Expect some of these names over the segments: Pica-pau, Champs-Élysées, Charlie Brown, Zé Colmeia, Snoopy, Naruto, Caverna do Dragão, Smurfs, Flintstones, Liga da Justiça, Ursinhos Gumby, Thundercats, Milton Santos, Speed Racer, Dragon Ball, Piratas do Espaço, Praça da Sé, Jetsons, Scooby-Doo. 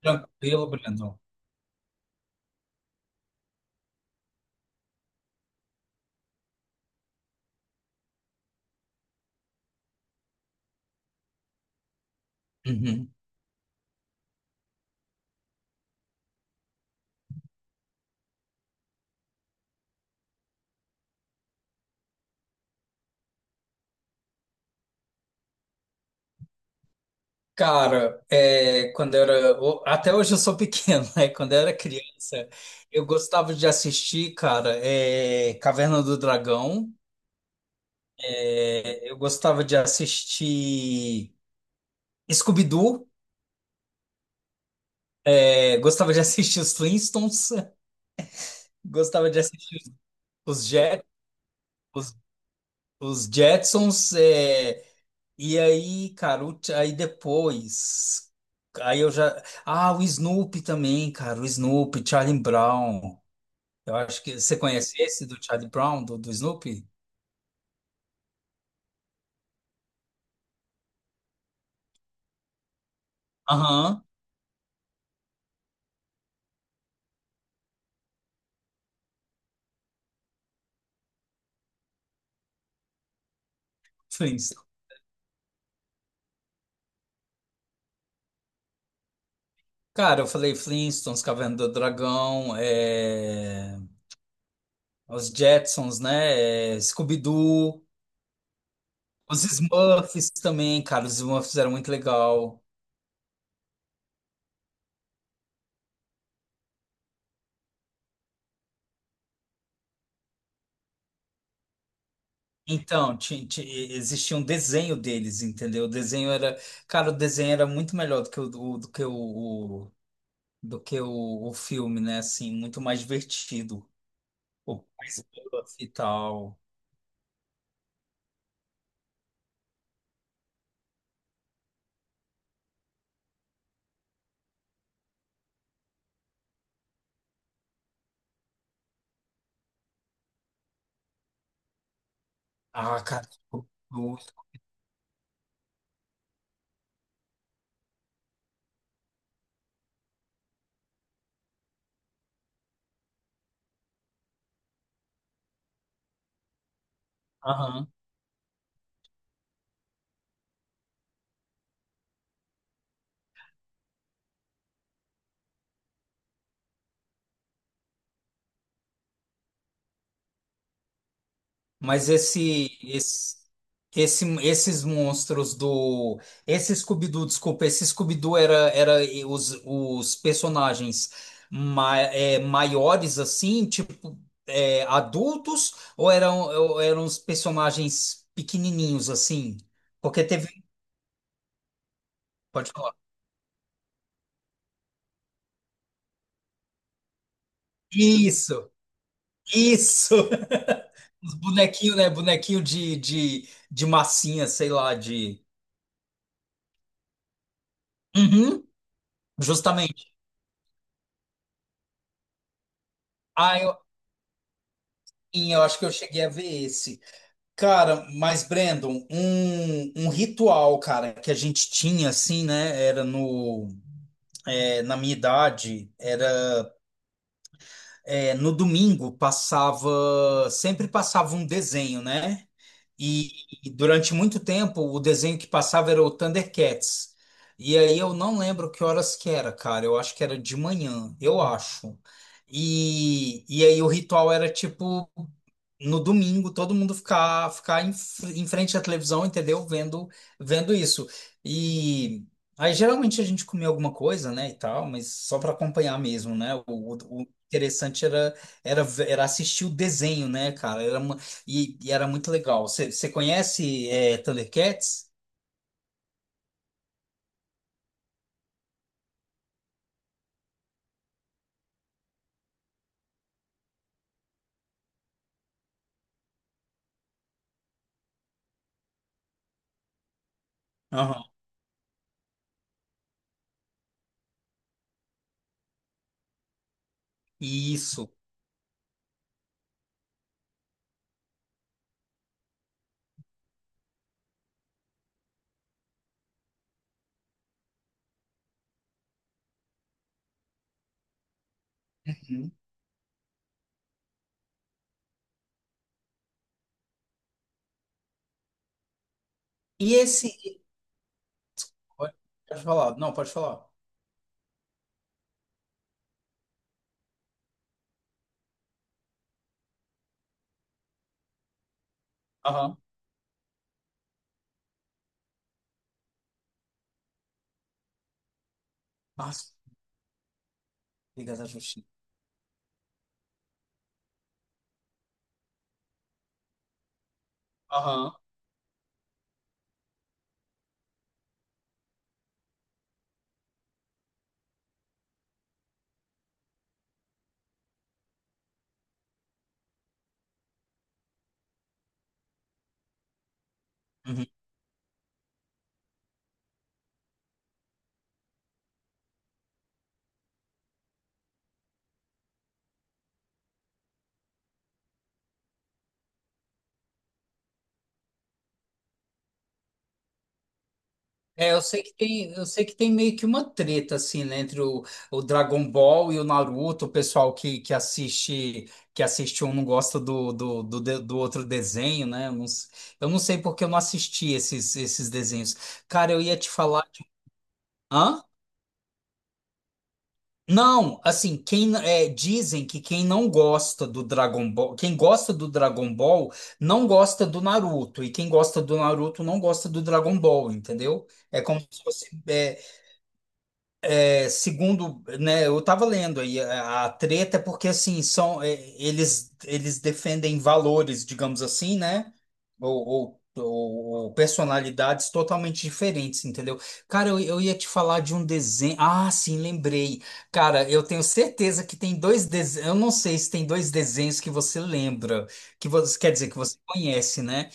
Tranquilo, Brandon. Uhum. Cara, quando eu era. Até hoje eu sou pequeno, né? Quando eu era criança, eu gostava de assistir, cara, Caverna do Dragão. Eu gostava de assistir Scooby-Doo. Gostava de assistir os Flintstones. Gostava de assistir os, os, Jet, os, os Jetsons. E aí, cara, aí depois. Aí eu já. Ah, o Snoopy também, cara. O Snoopy, Charlie Brown. Eu acho que você conhece esse do Charlie Brown, do Snoopy? Aham, Flintstones. Cara, eu falei Flintstones, Caverna do Dragão, os Jetsons, né? Scooby-Doo, os Smurfs também, cara, os Smurfs eram muito legal. Então, existia um desenho deles, entendeu? O desenho era, cara, o desenho era muito melhor do que o do, do que o- do que o filme, né? Assim, muito mais divertido. O mais Smurf e tal. Ah, cara, monstro. Aham. Mas esses monstros do. Esse Scooby-Doo, desculpa, esse Scooby-Doo era, era os personagens maiores, assim, tipo, adultos, ou eram os personagens pequenininhos, assim? Porque teve. Pode falar. Isso, isso! Os bonequinhos, né? Bonequinho de massinha, sei lá, de. Uhum, justamente. Ah, eu, e eu acho que eu cheguei a ver esse. Cara, mas Brandon, um ritual, cara, que a gente tinha, assim, né? Era no. Na minha idade, era. No domingo passava. Sempre passava um desenho, né? E, e durante muito tempo o desenho que passava era o Thundercats. E aí eu não lembro que horas que era, cara. Eu acho que era de manhã, eu acho. E aí o ritual era tipo. No domingo todo mundo ficar em, em frente à televisão, entendeu? Vendo isso. E aí geralmente a gente comia alguma coisa, né, e tal, mas só para acompanhar mesmo, né? O interessante era, era assistir o desenho, né, cara? Era uma, e era muito legal. Você conhece Thundercats? Aham. Isso. Uhum. E esse pode, pode falar. Não, pode falar. Aham. Ah, Liga da Justiça. Aham. É, eu sei que tem, eu sei que tem meio que uma treta assim, né, entre o Dragon Ball e o Naruto, o pessoal que, que assiste um não gosta do outro desenho, né? Eu não, eu não sei porque eu não assisti esses desenhos. Cara, eu ia te falar. Hã? Não, assim, quem é, dizem que quem não gosta do Dragon Ball, quem gosta do Dragon Ball não gosta do Naruto, e quem gosta do Naruto não gosta do Dragon Ball, entendeu? É como se fosse. É, segundo, né, eu estava lendo aí a treta é porque assim são eles eles defendem valores, digamos assim, né? Ou personalidades totalmente diferentes, entendeu? Cara, eu ia te falar de um desenho. Ah, sim, lembrei. Cara, eu tenho certeza que tem dois desenhos. Eu não sei se tem dois desenhos que você lembra, que você quer dizer que você conhece, né?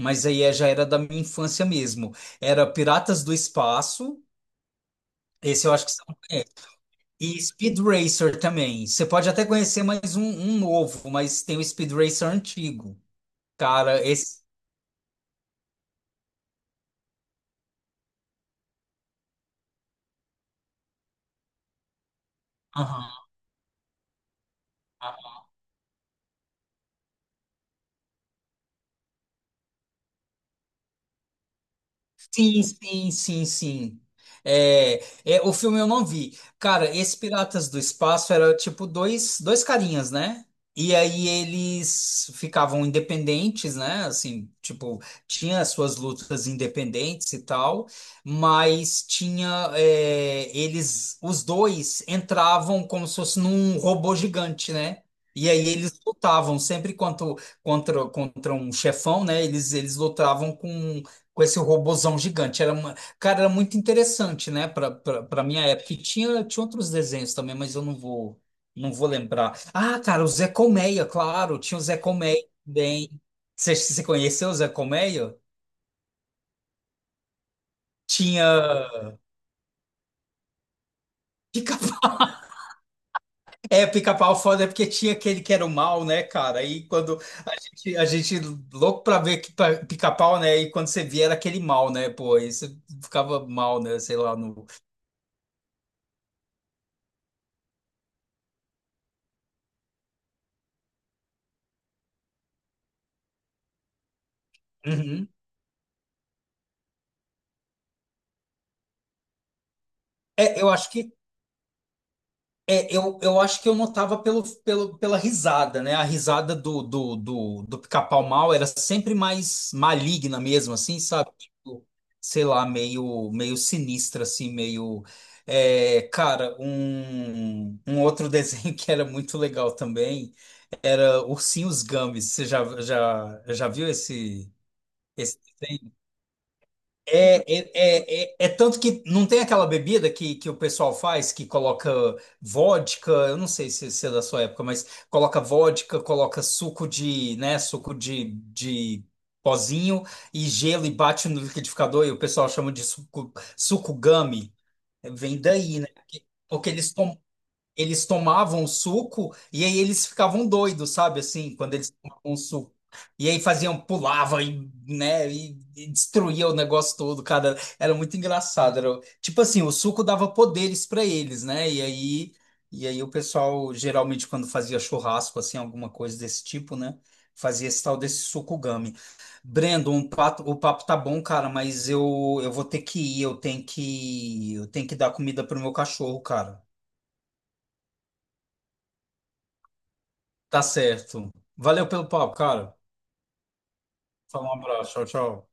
Mas aí já era da minha infância mesmo. Era Piratas do Espaço. Esse eu acho que você não e Speed Racer também. Você pode até conhecer mais um, um novo, mas tem o Speed Racer antigo. Cara, esse. Aham. Sim, sim, sim, sim. É, é, o filme eu não vi. Cara, esse Piratas do Espaço era tipo dois, dois carinhas, né? E aí eles ficavam independentes, né? Assim, tipo, tinha as suas lutas independentes e tal, mas tinha, é, eles, os dois entravam como se fosse num robô gigante, né? E aí eles lutavam sempre contra, contra um chefão, né? Eles lutavam com esse robozão gigante. Era uma, cara, era muito interessante, né? Para para minha época. E tinha, tinha outros desenhos também, mas eu não vou não vou lembrar. Ah, cara, o Zé Colmeia, claro, tinha o Zé Colmeia também. Você conheceu o Zé Colmeia? Tinha Pica-pau. É, pica-pau foda é porque tinha aquele que era o mal, né, cara? Aí quando a gente louco pra ver que pica-pau, né? E quando você via era aquele mal, né? Pô, aí você ficava mal, né? Sei lá, no. Uhum. É, eu acho que É, eu acho que eu notava pelo, pelo, pela risada, né? A risada do Pica-Pau Mal era sempre mais maligna mesmo, assim, sabe? Tipo, sei lá, meio, meio sinistra, assim, meio. É, cara, um outro desenho que era muito legal também era Ursinhos Gumby. Você já viu esse? É tanto que não tem aquela bebida que o pessoal faz que coloca vodka, eu não sei se, se é da sua época, mas coloca vodka, coloca suco de, né, suco de pozinho e gelo e bate no liquidificador e o pessoal chama de suco, suco gummy. Vem daí, né? Porque eles tomavam o suco e aí eles ficavam doidos, sabe? Assim, quando eles tomavam o suco. E aí faziam, pulava e, né, e destruía o negócio todo, cara. Era muito engraçado. Era, tipo assim, o suco dava poderes para eles, né? E aí o pessoal, geralmente, quando fazia churrasco, assim, alguma coisa desse tipo, né? Fazia esse tal desse suco gummy. Brendo, o papo tá bom, cara, mas eu vou ter que ir, eu tenho que dar comida pro meu cachorro, cara. Tá certo. Valeu pelo papo, cara. Fala um abraço. Tchau, tchau.